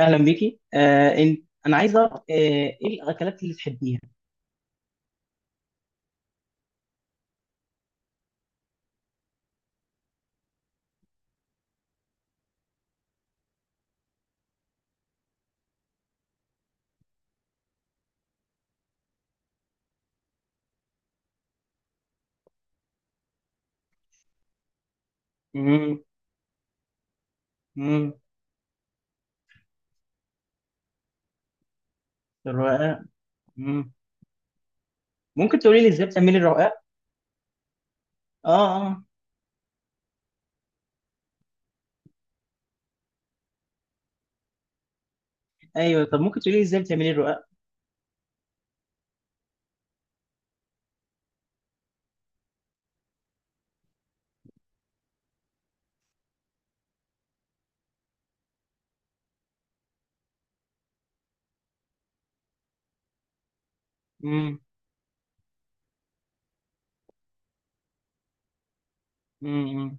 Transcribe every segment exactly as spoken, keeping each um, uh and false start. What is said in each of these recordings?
اهلا بيكي، آه انت انا عايز اعرف آه ايه الاكلات اللي بتحبيها؟ امم. امم. الرقاق. امم ممكن تقولي لي ازاي بتعملي الرقاق؟ اه، اه. ايوه، طب ممكن تقولي لي ازاي بتعملي الرقاق؟ امم. امم.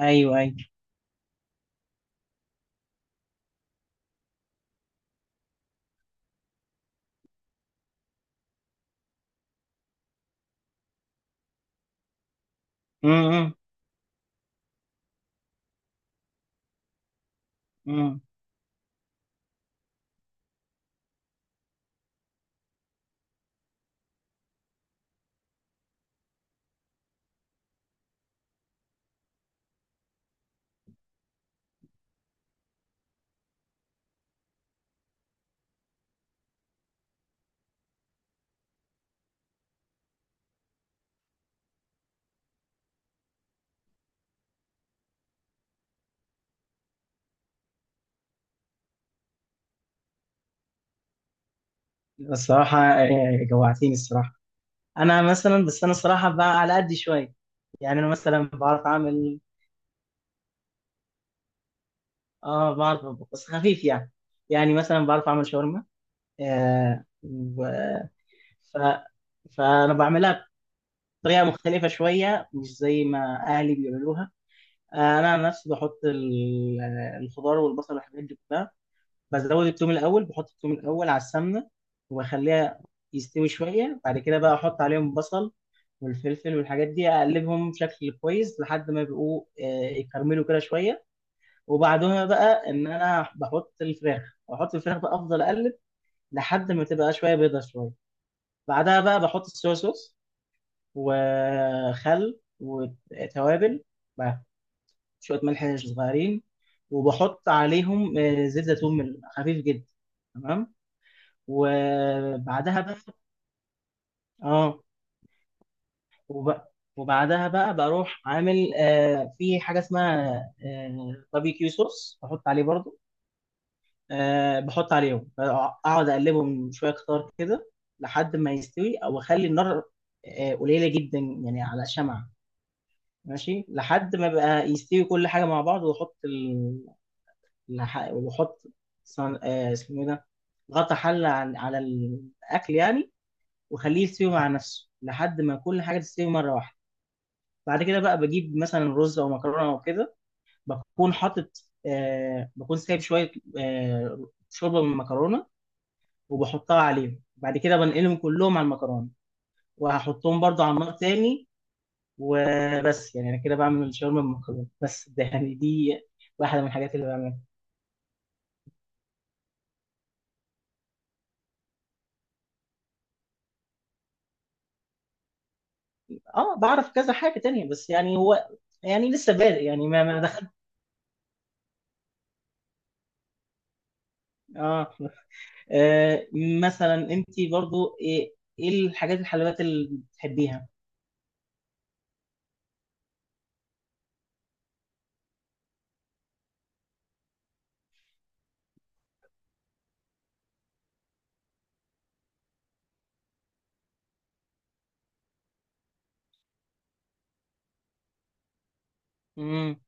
ايوه، ايوه. امم. امم. الصراحه آه، جوعتيني الصراحه. انا مثلا بس انا الصراحه بقى على قد شويه. يعني انا مثلا بعرف اعمل. اه، بعرف أطبخ، بس خفيف يعني. يعني مثلا بعرف اعمل شاورما آه و... ف... فانا بعملها طريقة مختلفة شوية مش زي ما أهلي بيعملوها. أنا عن نفسي بحط ال- الخضار والبصل والحاجات دي كلها. بزود التوم الأول، بحط التوم الأول على السمنة وبخليها يستوي شوية. بعد كده بقى أحط عليهم بصل والفلفل والحاجات دي، أقلبهم بشكل كويس لحد ما يبقوا آه، يكرملوا كده شوية. وبعدها بقى إن أنا بحط الفراخ بحط الفراخ بقى أفضل أقلب لحد ما تبقى شوية بيضة شوية. بعدها بقى بحط الصويا صوص وخل وتوابل مع شوية ملح صغيرين. وبحط عليهم آه، زيت زيتون من- خفيف جدا. تمام. وبعدها بقى اه. وب- وبعدها بقى بروح عامل آه في حاجة اسمها آه باربيكيو صوص، بحط عليه برضو. آه بحط عليهم، اقعد اقلبهم شوية كتار كده لحد ما يستوي او اخلي النار آه قليلة جدا يعني، على شمعة. ماشي لحد ما بقى يستوي كل حاجة مع بعض وأحط ال... الح- وأحط صن... آه، اسمه إيه ده، غطا حلة عن- على الأكل يعني، وخليه يستوي مع نفسه لحد ما كل حاجة تستوي مرة واحدة. بعد كده بقى بجيب مثلا رز أو مكرونة أو كده. بكون حاطط آه بكون سايب شوية آه شوربة من المكرونة وبحطها عليهم. بعد كده بنقلهم كلهم على المكرونة وهحطهم برضو على النار تاني. وبس، يعني انا كده بعمل الشاورما بالمكرونه، بس ده يعني دي واحده من الحاجات اللي بعملها. اه، بعرف كذا حاجه تانية، بس يعني هو يعني لسه بادئ يعني، ما ما دخل. اه، آه. مثلا انت برضو ايه ايه الحاجات الحلويات اللي بتحبيها؟ امم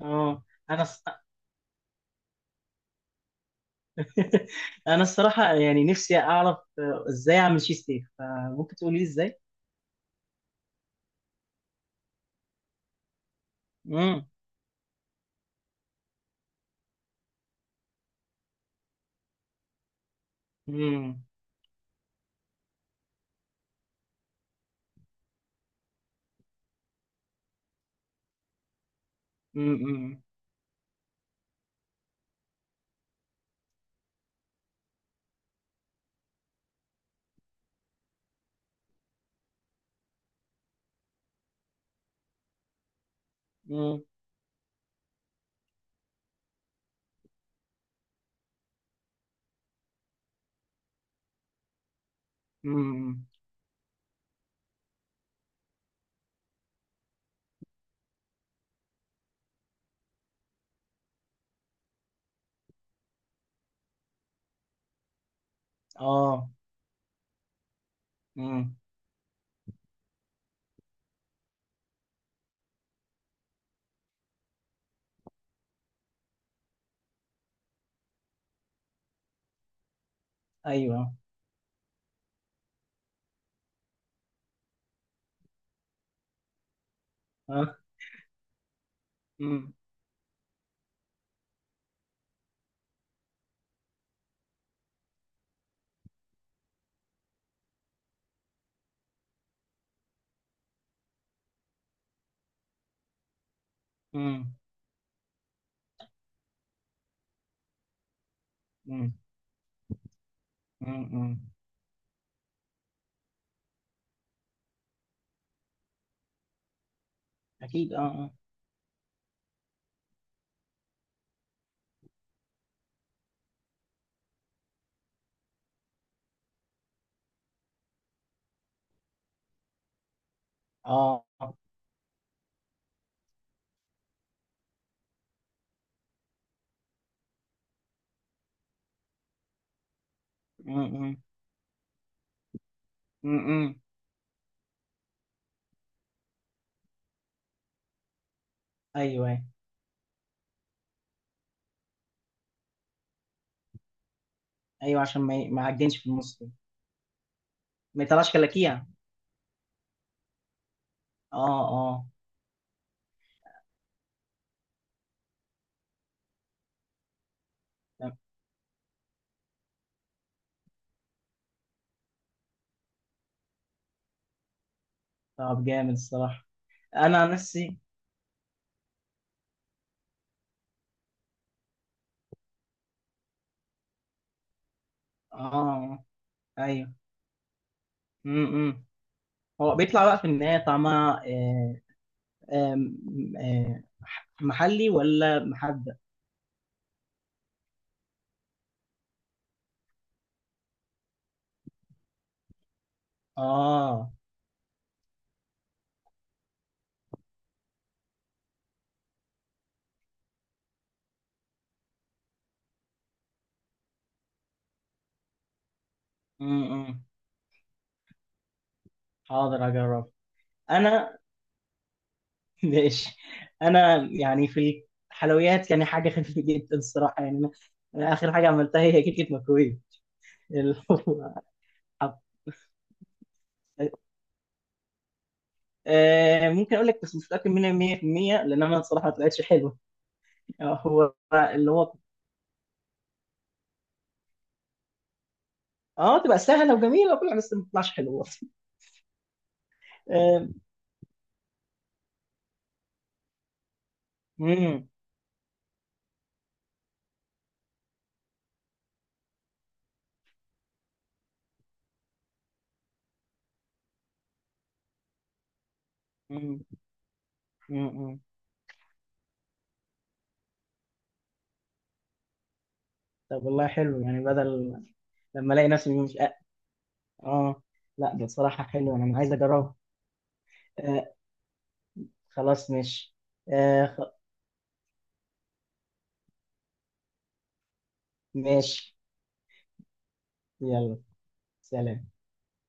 اه، انا الص- انا الصراحه يعني نفسي اعرف آه، ازاي اعمل تشيز كيك، فممكن تقولي لي ازاي؟ امم. امم. امم. امم. امم. اه. امم. ايوه. مم. مم. مم. مم. مم. اكيد، اه، اه. اه، آه. مم. مم. مم. مم. ايوه، ايوه. أيوة، عشان ما ي- ما يعجنش في النص كده. ما يطلعش كلاكيع. اه، اه. طب. طب جامد الصراحه. انا عن نفسي. اه، ايوه. امم. هو بيطلع بقى في النهايه طعمها آه آه آه محلي ولا محدق؟ اه. امم. حاضر اجرب. انا ماشي. انا يعني في الحلويات يعني حاجه خفيفه جدا الصراحه، يعني انا أنا اخر حاجه عملتها هي كيكه مكرونه، اللي هو حط- آه، ممكن اقول لك، بس مش متاكد منها مية بالمية لان انا الصراحه ما طلعتش حلوه. آه، هو اللي هو اه، تبقى سهله وجميله وكل حاجة، بس ما تطلعش حلوه. آه، مم، مم، مم، مم. طب والله حلو يعني، بدل لما الاقي نفسي مش. اه، لا ده الصراحه حلو انا عايز اجربها. آه، خلاص ماشي. آه، خ- ماشي. يلا، سلام.